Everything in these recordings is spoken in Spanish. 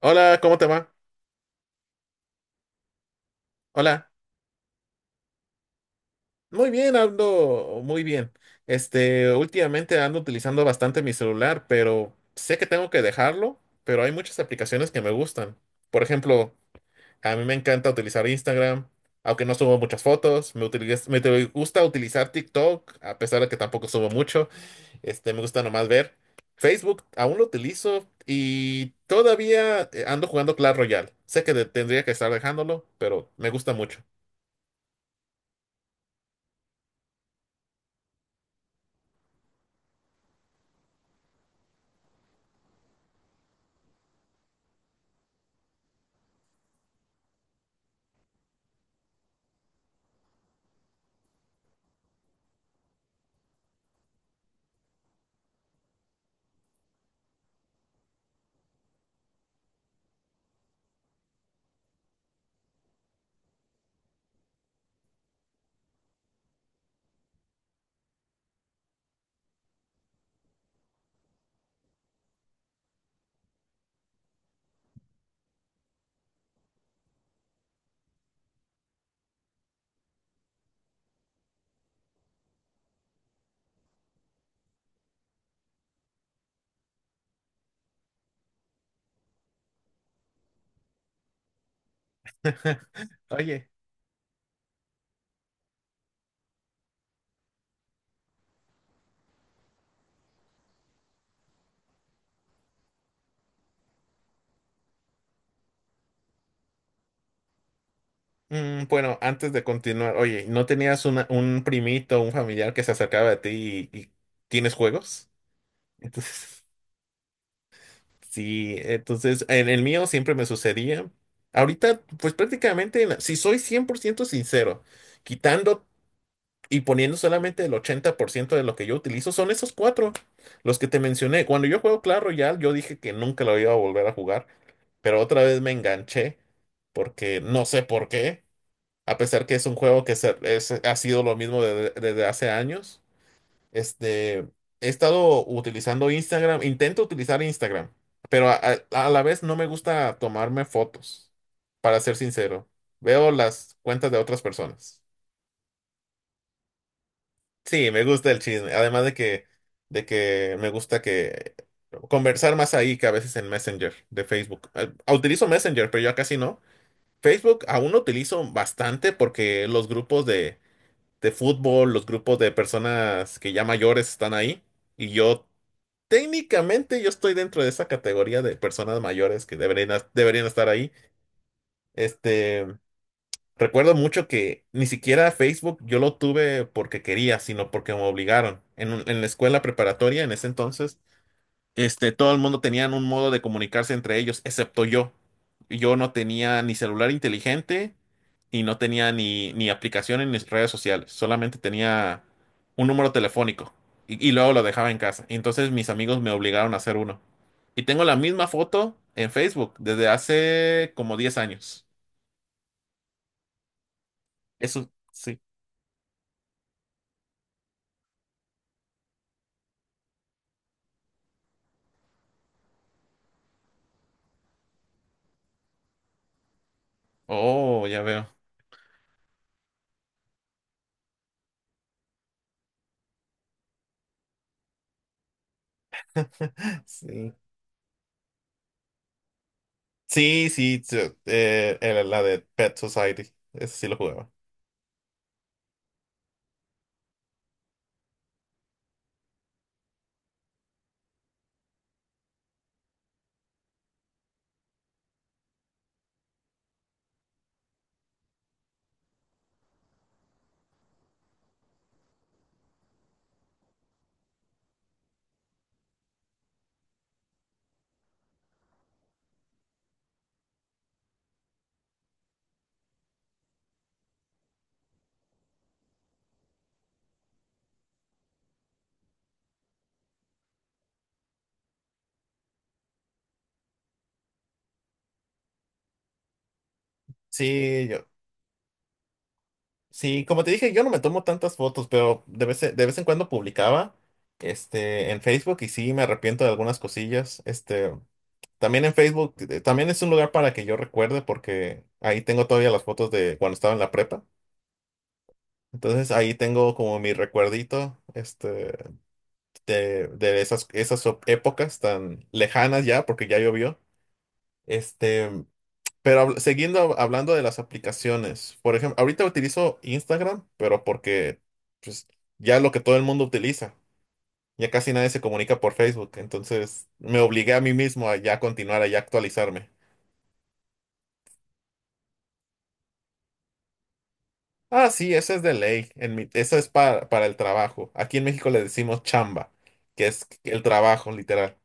Hola, ¿cómo te va? Hola. Muy bien, ando muy bien. Últimamente ando utilizando bastante mi celular, pero sé que tengo que dejarlo, pero hay muchas aplicaciones que me gustan. Por ejemplo, a mí me encanta utilizar Instagram, aunque no subo muchas fotos. Me gusta utilizar TikTok, a pesar de que tampoco subo mucho. Me gusta nomás ver. Facebook aún lo utilizo y todavía ando jugando Clash Royale. Sé que tendría que estar dejándolo, pero me gusta mucho. Oye, bueno, antes de continuar, oye, ¿no tenías un primito, un familiar que se acercaba a ti y tienes juegos? Entonces, sí, entonces en el mío siempre me sucedía. Ahorita, pues prácticamente, si soy 100% sincero, quitando y poniendo solamente el 80% de lo que yo utilizo, son esos cuatro, los que te mencioné. Cuando yo juego Clash Royale, yo dije que nunca lo iba a volver a jugar, pero otra vez me enganché porque no sé por qué. A pesar que es un juego que ha sido lo mismo desde hace años. Este, he estado utilizando Instagram, intento utilizar Instagram, pero a la vez no me gusta tomarme fotos, para ser sincero. Veo las cuentas de otras personas. Sí, me gusta el chisme, además de que me gusta que conversar más ahí que a veces en Messenger de Facebook. Utilizo Messenger, pero ya casi no. Facebook aún lo utilizo bastante porque los grupos de fútbol, los grupos de personas que ya mayores están ahí. Y yo, técnicamente, yo estoy dentro de esa categoría de personas mayores que deberían estar ahí. Este, recuerdo mucho que ni siquiera Facebook yo lo tuve porque quería, sino porque me obligaron. En la escuela preparatoria, en ese entonces, todo el mundo tenía un modo de comunicarse entre ellos, excepto yo. Yo no tenía ni celular inteligente y no tenía ni aplicaciones ni redes sociales, solamente tenía un número telefónico y luego lo dejaba en casa. Y entonces mis amigos me obligaron a hacer uno. Y tengo la misma foto en Facebook desde hace como 10 años. Eso, sí. Oh, ya veo. Sí. Sí, sí, sí, la de Pet Society. Ese sí lo jugaba. Sí, yo. Sí, como te dije, yo no me tomo tantas fotos, pero de vez en cuando publicaba en Facebook y sí me arrepiento de algunas cosillas. También en Facebook, también es un lugar para que yo recuerde porque ahí tengo todavía las fotos de cuando estaba en la prepa. Entonces ahí tengo como mi recuerdito de esas épocas tan lejanas ya, porque ya llovió. Este, Pero siguiendo hablando de las aplicaciones, por ejemplo, ahorita utilizo Instagram, pero porque pues, ya es lo que todo el mundo utiliza, ya casi nadie se comunica por Facebook, entonces me obligué a mí mismo a ya continuar, a ya actualizarme. Ah, sí, esa es de ley, esa es para el trabajo. Aquí en México le decimos chamba, que es el trabajo, literal.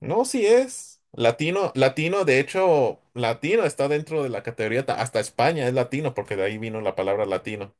No, sí es. Latino, latino, de hecho, latino está dentro de la categoría, hasta España es latino, porque de ahí vino la palabra latino.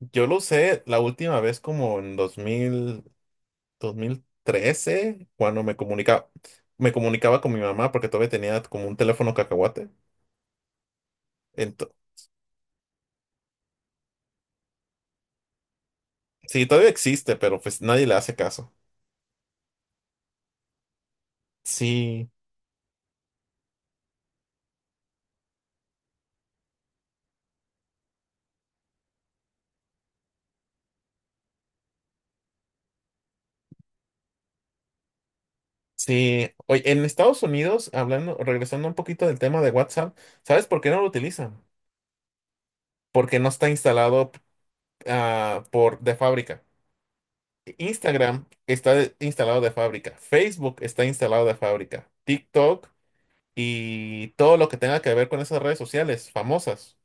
Yo lo usé la última vez como en 2013 cuando me comunicaba con mi mamá porque todavía tenía como un teléfono cacahuate. Ento- sí, todavía existe, pero pues nadie le hace caso. Sí, sí. Oye, en Estados Unidos, hablando, regresando un poquito del tema de WhatsApp, ¿sabes por qué no lo utilizan? Porque no está instalado, por de fábrica. Instagram está instalado de fábrica. Facebook está instalado de fábrica. TikTok y todo lo que tenga que ver con esas redes sociales famosas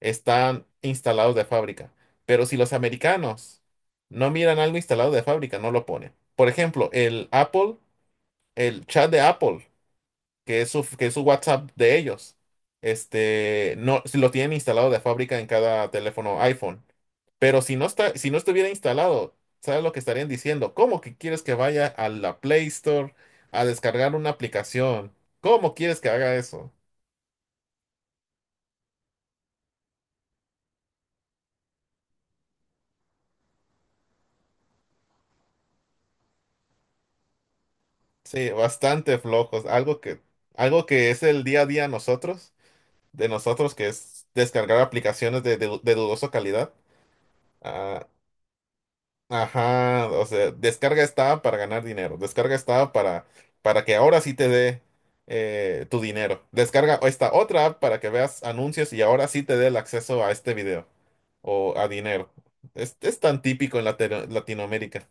están instalados de fábrica. Pero si los americanos no miran algo instalado de fábrica, no lo ponen. Por ejemplo, el Apple, el chat de Apple, que es su WhatsApp de ellos, no, si lo tienen instalado de fábrica en cada teléfono iPhone. Pero si no estuviera instalado, ¿sabes lo que estarían diciendo? ¿Cómo que quieres que vaya a la Play Store a descargar una aplicación? ¿Cómo quieres que haga eso? Sí, bastante flojos. Algo que es el día a día de nosotros, que es descargar aplicaciones de dudosa calidad. Ah, ajá, o sea, descarga esta app para ganar dinero. Descarga esta app para que ahora sí te dé tu dinero. Descarga esta otra app para que veas anuncios y ahora sí te dé el acceso a este video o a dinero. Es tan típico en Latinoamérica.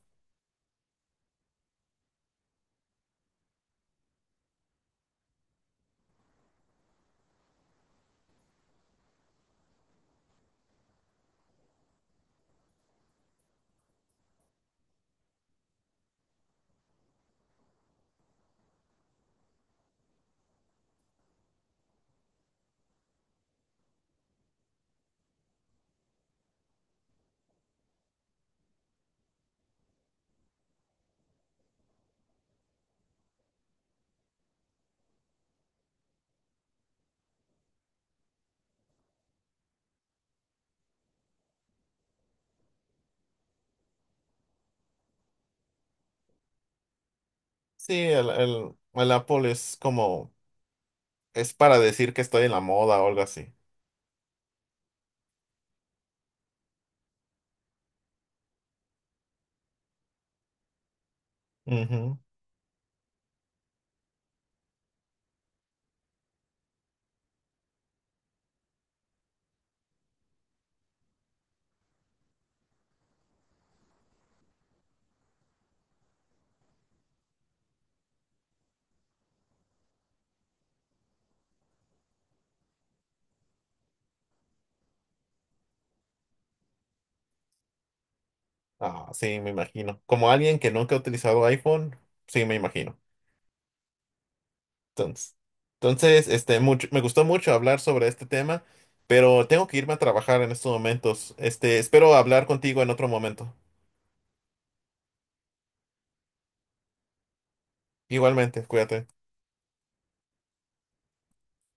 Sí, el Apple es como, es para decir que estoy en la moda o algo así. Ujú. Ah, sí, me imagino. Como alguien que nunca ha utilizado iPhone, sí, me imagino. Entonces, entonces, me gustó mucho hablar sobre este tema, pero tengo que irme a trabajar en estos momentos. Espero hablar contigo en otro momento. Igualmente, cuídate.